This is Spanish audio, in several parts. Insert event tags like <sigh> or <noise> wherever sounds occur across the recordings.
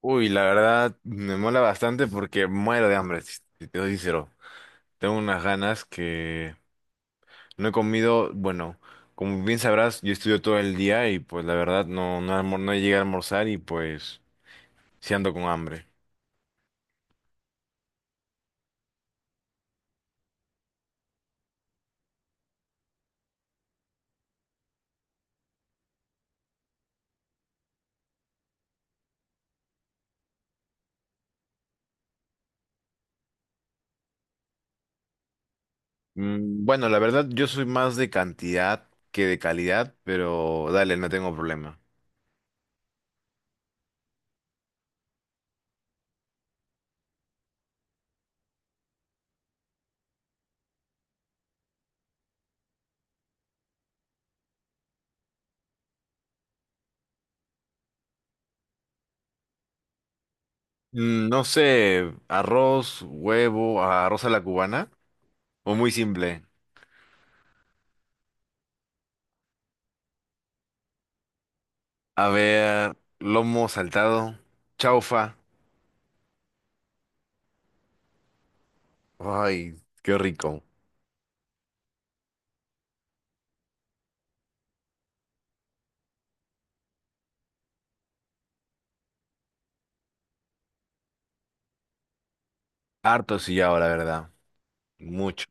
Uy, la verdad me mola bastante porque muero de hambre, si te soy sincero. Tengo unas ganas que no he comido, bueno, como bien sabrás, yo estudio todo el día y pues la verdad no llegué a almorzar y pues sí ando con hambre. Bueno, la verdad yo soy más de cantidad que de calidad, pero dale, no tengo problema. No sé, arroz, huevo, arroz a la cubana o muy simple. A ver, lomo saltado, chaufa. Ay, qué rico. Harto sillao, la verdad. Mucho.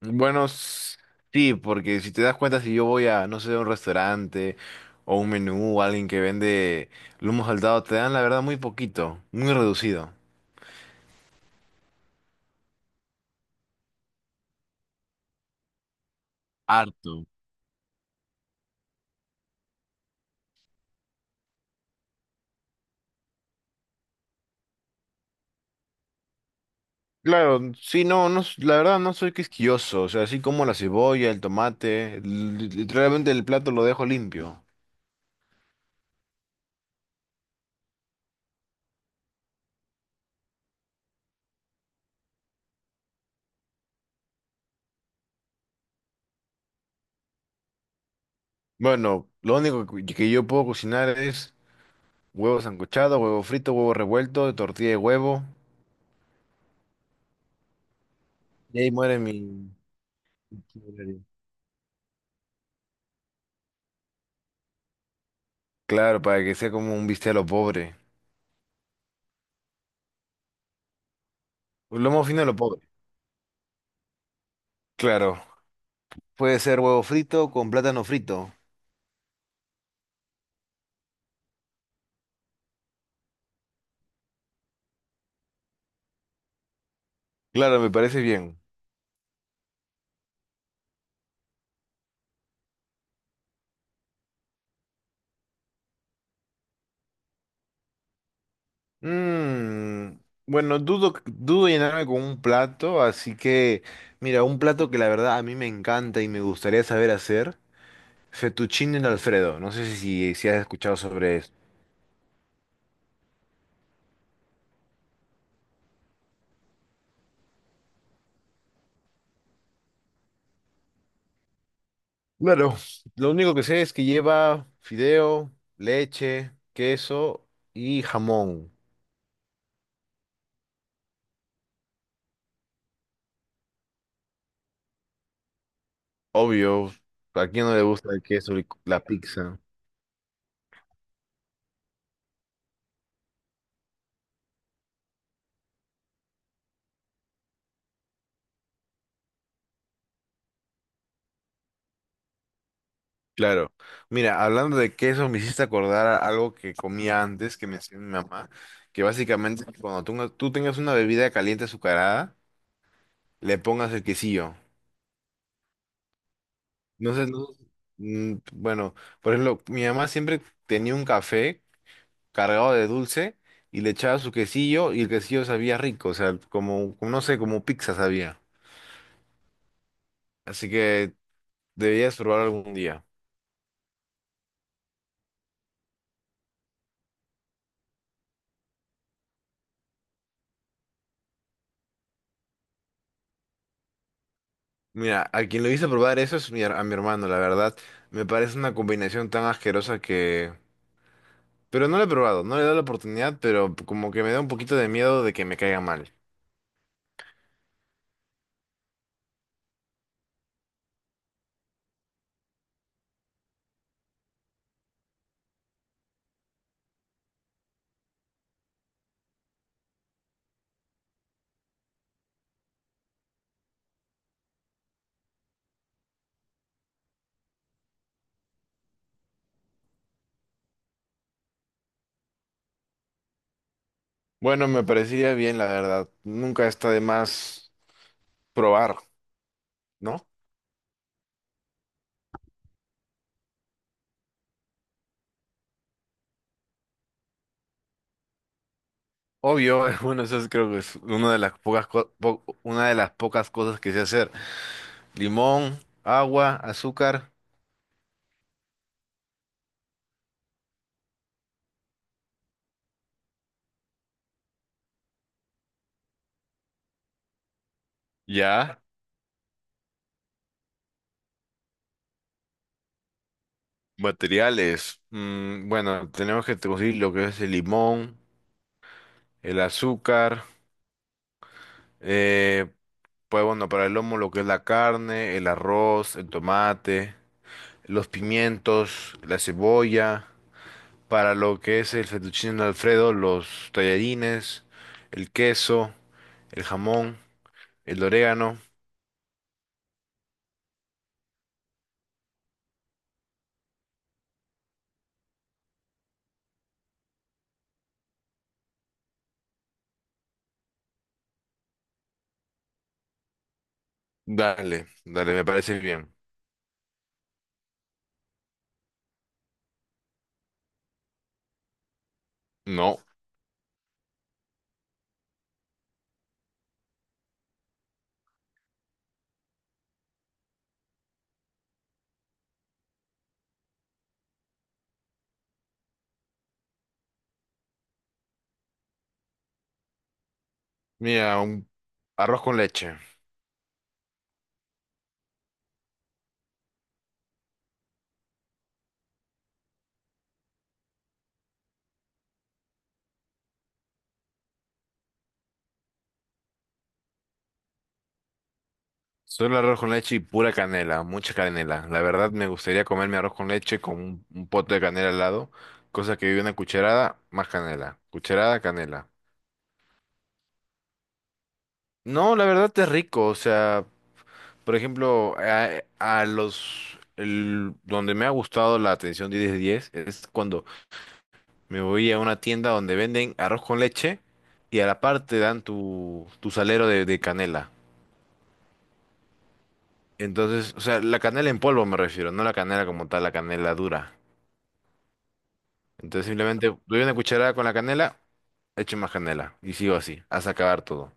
Bueno, sí, porque si te das cuenta, si yo voy a, no sé, a un restaurante o un menú o alguien que vende lomo saltado, te dan, la verdad, muy poquito, muy reducido. Harto. Claro, sí, no, no, la verdad no soy quisquilloso, o sea, así como la cebolla, el tomate, literalmente el plato lo dejo limpio. Bueno, lo único que yo puedo cocinar es huevo sancochado, huevo frito, huevo revuelto, tortilla de huevo. Y ahí muere mi itinerario. Claro, para que sea como un bistec a lo pobre. Un lomo fino a lo pobre. Claro. Puede ser huevo frito con plátano frito. Claro, me parece bien. Mm, bueno, dudo llenarme con un plato, así que mira, un plato que la verdad a mí me encanta y me gustaría saber hacer, fettuccine Alfredo. No sé si has escuchado sobre eso. Claro, lo único que sé es que lleva fideo, leche, queso y jamón. Obvio, ¿a quién no le gusta el queso y la pizza? Claro. Mira, hablando de queso, me hiciste acordar a algo que comía antes, que me hacía mi mamá, que básicamente es que cuando tú tengas una bebida caliente azucarada, le pongas el quesillo. No sé, bueno, por ejemplo, mi mamá siempre tenía un café cargado de dulce y le echaba su quesillo y el quesillo sabía rico, o sea, como, no sé, como pizza sabía. Así que deberías probar algún día. Mira, a quien lo hice probar eso es a mi hermano, la verdad. Me parece una combinación tan asquerosa que... Pero no lo he probado, no le he dado la oportunidad, pero como que me da un poquito de miedo de que me caiga mal. Bueno, me parecería bien, la verdad. Nunca está de más probar, ¿no? Obvio, <laughs> bueno, creo que es una de las pocas cosas que sé hacer. Limón, agua, azúcar. Ya. Materiales. Bueno, tenemos que conseguir lo que es el limón, el azúcar. Eh, pues bueno, para el lomo lo que es la carne, el arroz, el tomate, los pimientos, la cebolla. Para lo que es el fettuccine Alfredo, los tallarines, el queso, el jamón, el orégano. Dale, dale, me parece bien. No, mira, un arroz con leche. Solo arroz con leche y pura canela, mucha canela. La verdad me gustaría comerme arroz con leche con un pote de canela al lado, cosa que vive una cucharada más canela, cucharada canela. No, la verdad es rico, o sea, por ejemplo, donde me ha gustado la atención 10 de 10 es cuando me voy a una tienda donde venden arroz con leche y a la parte dan tu salero de canela. Entonces, o sea, la canela en polvo me refiero, no la canela como tal, la canela dura. Entonces simplemente doy una cucharada con la canela, echo más canela y sigo así, hasta acabar todo.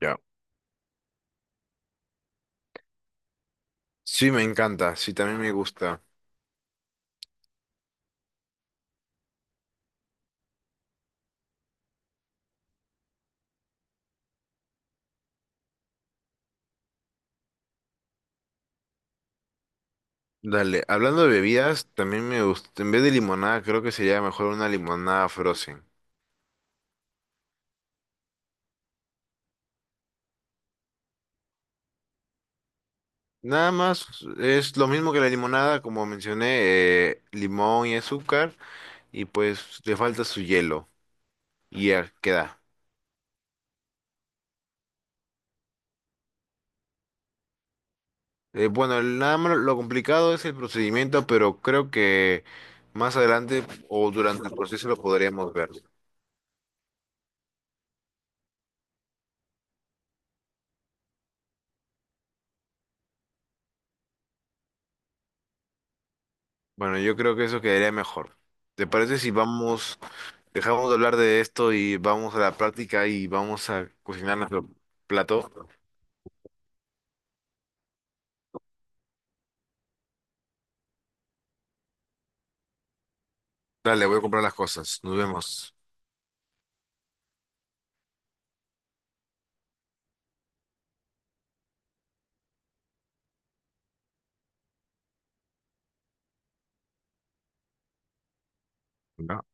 Ya. Sí, me encanta, sí, también me gusta. Dale, hablando de bebidas, también me gusta, en vez de limonada, creo que sería mejor una limonada frozen. Nada más, es lo mismo que la limonada, como mencioné, limón y azúcar, y pues le falta su hielo, y ya queda. Bueno, nada más lo complicado es el procedimiento, pero creo que más adelante o durante el proceso lo podríamos ver. Bueno, yo creo que eso quedaría mejor. ¿Te parece si vamos, dejamos de hablar de esto y vamos a la práctica y vamos a cocinar nuestro plato? Dale, voy a comprar las cosas. Nos vemos. ¿No?